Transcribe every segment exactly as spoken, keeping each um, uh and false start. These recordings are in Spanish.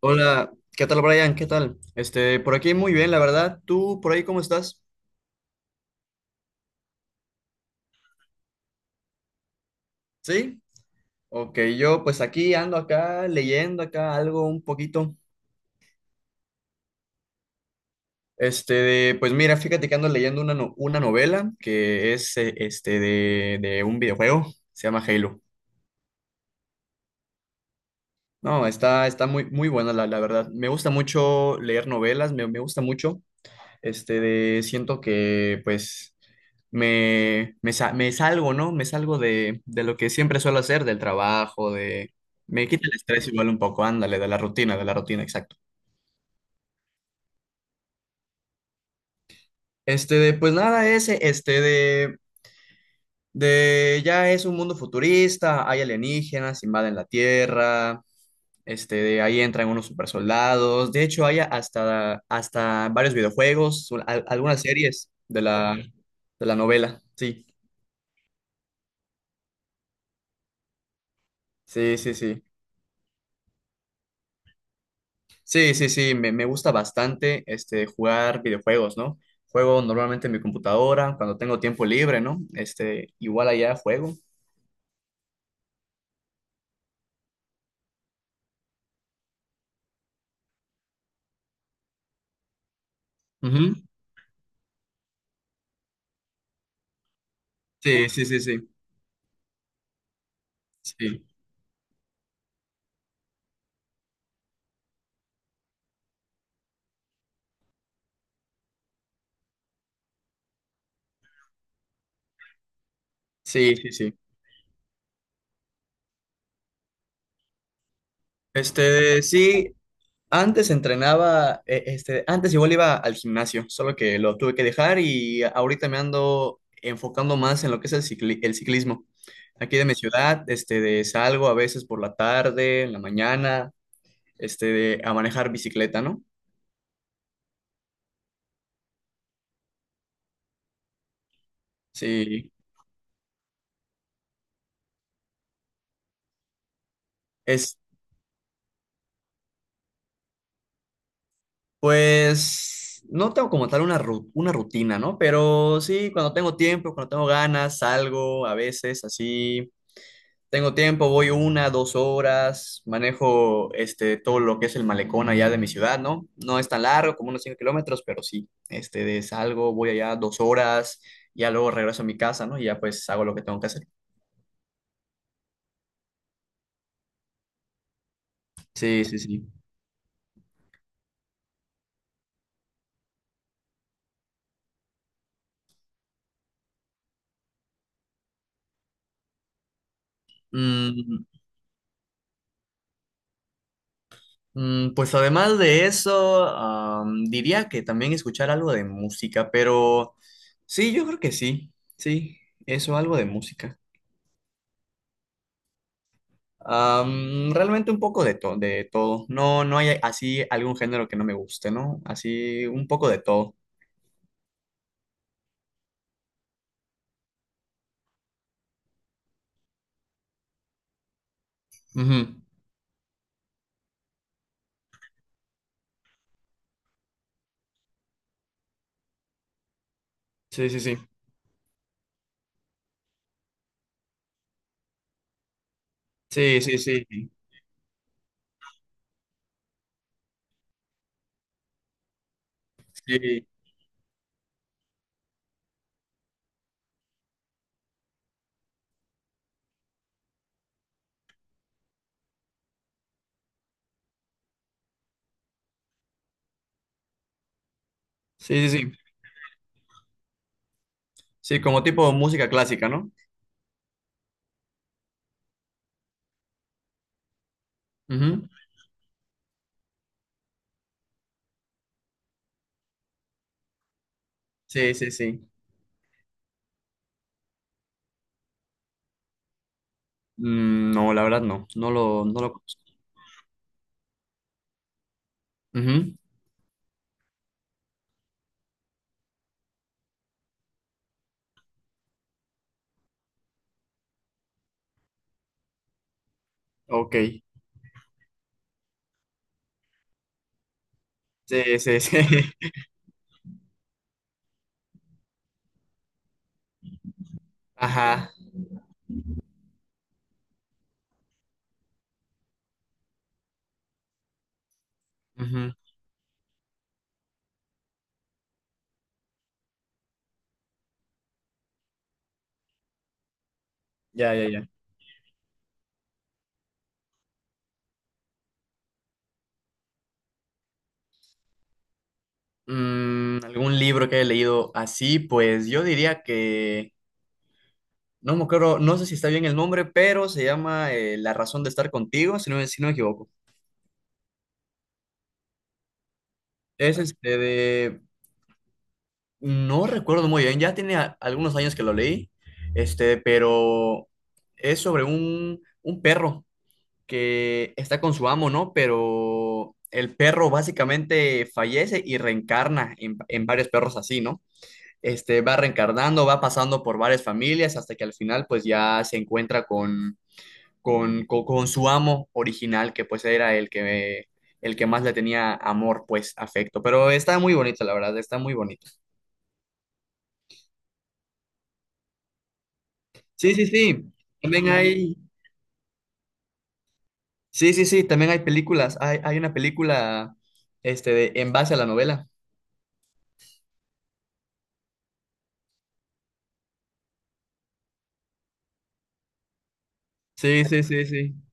Hola, ¿qué tal Brian? ¿Qué tal? Este, por aquí muy bien, la verdad. ¿Tú por ahí cómo estás? ¿Sí? Ok, yo pues aquí ando acá leyendo acá algo un poquito. Este, de- pues mira, fíjate que ando leyendo una, no- una novela que es eh, este de, de un videojuego, se llama Halo. No, está, está muy, muy buena la, la verdad. Me gusta mucho leer novelas, me, me gusta mucho. Este, de, siento que pues me, me, sa- me salgo, ¿no? Me salgo de, de lo que siempre suelo hacer, del trabajo, de... Me quita el estrés igual un poco, ándale, de la rutina, de la rutina, exacto. Este, de, pues nada, ese, este, de, de, ya es un mundo futurista, hay alienígenas, invaden la Tierra, este, de ahí entran unos supersoldados, de hecho hay hasta, hasta varios videojuegos, al- algunas series de la, de la novela, sí, sí, sí, sí. Sí, sí, sí, me, me gusta bastante este, jugar videojuegos, ¿no? Juego normalmente en mi computadora, cuando tengo tiempo libre, ¿no? Este, igual allá juego. Ujú. Sí, sí, sí, sí, sí, sí, sí, sí. Este, sí, antes entrenaba, eh, este, antes igual iba al gimnasio, solo que lo tuve que dejar y ahorita me ando enfocando más en lo que es el cicli- el ciclismo. Aquí de mi ciudad, este, de salgo a veces por la tarde, en la mañana, este, de- a manejar bicicleta, ¿no? Sí, es pues no tengo como tal una, ru- una rutina, ¿no? Pero sí, cuando tengo tiempo, cuando tengo ganas, salgo a veces así. Tengo tiempo, voy una, dos horas, manejo este, todo lo que es el malecón allá de mi ciudad, ¿no? No es tan largo, como unos cinco kilómetros, pero sí, este, de salgo, voy allá dos horas, ya luego regreso a mi casa, ¿no? Y ya pues hago lo que tengo que hacer. Sí, sí, sí. Mm, Mm, Pues además de eso, am, diría que también escuchar algo de música, pero sí, yo creo que sí, sí, eso, algo de música. Am, realmente un poco de, to- de todo. No, no hay así algún género que no me guste, ¿no? Así un poco de todo. Ujú. Sí, sí, sí. Sí, sí, sí. Sí, sí, sí, sí. Sí, como tipo música clásica, ¿no? Ujú. Sí, sí, sí. Mm, no, la verdad no, no lo, no lo conozco. Ujú. Ok. Sí, sí, sí. Ajá. Ujú. Ya, ya, ya. Mm, algún libro que haya leído así, pues yo diría que, no me acuerdo, no sé si está bien el nombre, pero se llama eh, La razón de estar contigo, si no, me- si no me equivoco. Es este de, no recuerdo muy bien, ya tiene a- algunos años que lo leí, este, pero es sobre un, un perro que está con su amo, ¿no? Pero el perro básicamente fallece y reencarna en, en varios perros así, ¿no? Este, va reencarnando, va pasando por varias familias hasta que al final pues ya se encuentra con, con, con, con su amo original, que pues era el que, el que más le tenía amor, pues afecto. Pero está muy bonito, la verdad, está muy bonito. Sí, sí, sí. También hay, sí, sí, sí, también hay películas. Hay, hay una película este, de- en base a la novela. Sí, sí, sí, sí.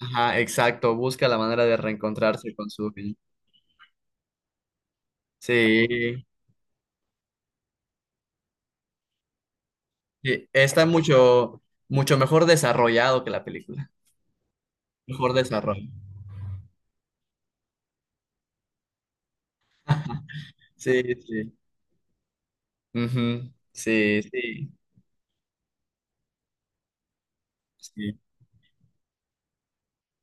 Ajá, exacto. Busca la manera de reencontrarse con su... Sí. Sí, está mucho, mucho mejor desarrollado que la película. Mejor desarrollo. Sí, sí. Ujú. Sí, sí, sí.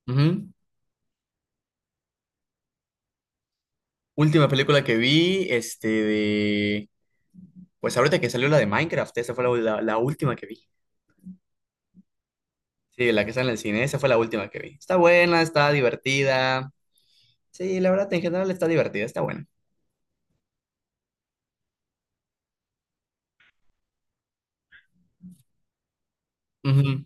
Ujú. Última película que vi, este de... Pues ahorita que salió la de Minecraft, esa fue la, la- la última que vi. Sí, la que está en el cine, esa fue la última que vi. Está buena, está divertida. Sí, la verdad, en general está divertida, está buena. Ujú.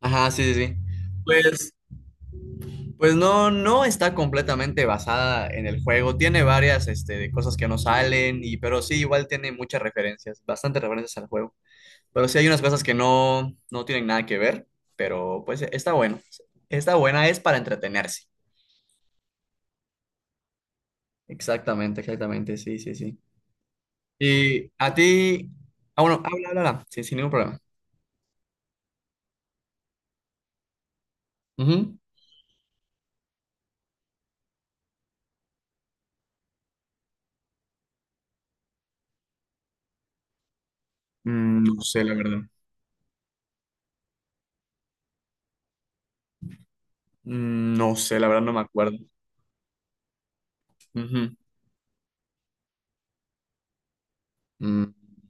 Ajá, sí, sí, sí. Pues Pues no, no está completamente basada en el juego. Tiene varias, este, cosas que no salen, y, pero sí, igual tiene muchas referencias, bastantes referencias al juego. Pero sí hay unas cosas que no, no tienen nada que ver, pero pues está bueno. Está buena, es para entretenerse. Exactamente, exactamente, sí, sí, sí. Y a ti, ah, bueno, habla, habla, habla, sí, sin ningún problema. Ujú. Mm, No sé, la verdad. Mm, No sé, la verdad no me acuerdo. Mm,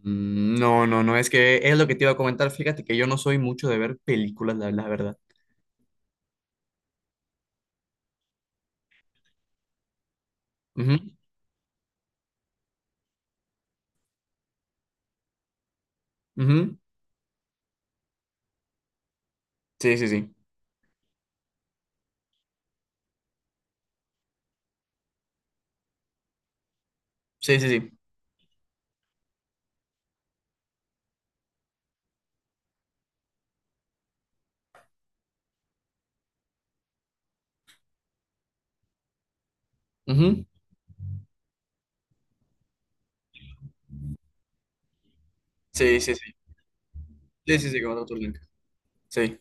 mm, No, no, no, es que es lo que te iba a comentar. Fíjate que yo no soy mucho de ver películas, la, la verdad. Ujú, ujú. Sí, sí, sí. Sí, sí, sí. Ujú. Sí, sí, sí. Sí, sí, sí, que mandó tu link. Sí,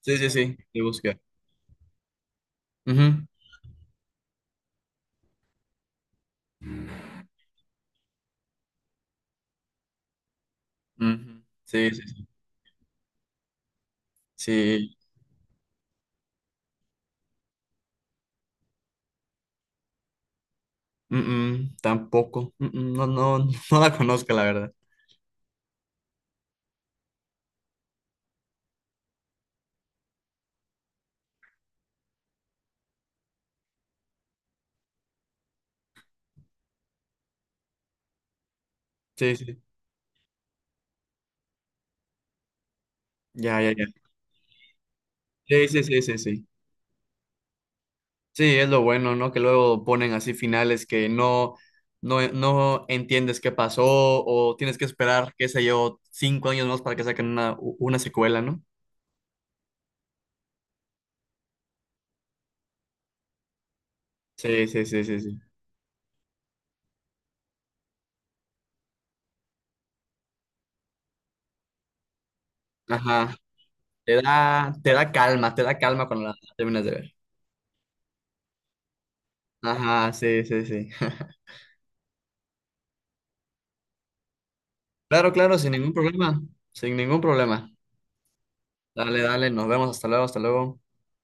sí, sí, sí. De buscar. Ujú, ujú. Sí, sí, sí. Sí. Mm, mm, Tampoco. Mm, mm, No, no, no la conozco, la verdad. Sí, sí. Ya, ya, ya. Sí, sí, sí, sí, sí. Sí, es lo bueno, ¿no? Que luego ponen así finales que no, no, no entiendes qué pasó o tienes que esperar, qué sé yo, cinco años más para que saquen una, una secuela, ¿no? Sí, sí, sí, sí, sí. Ajá. Te da, te da calma, te da calma cuando la terminas de ver. Ajá, sí, sí, sí. Claro, claro, sin ningún problema, sin ningún problema. Dale, dale, nos vemos, hasta luego, hasta luego.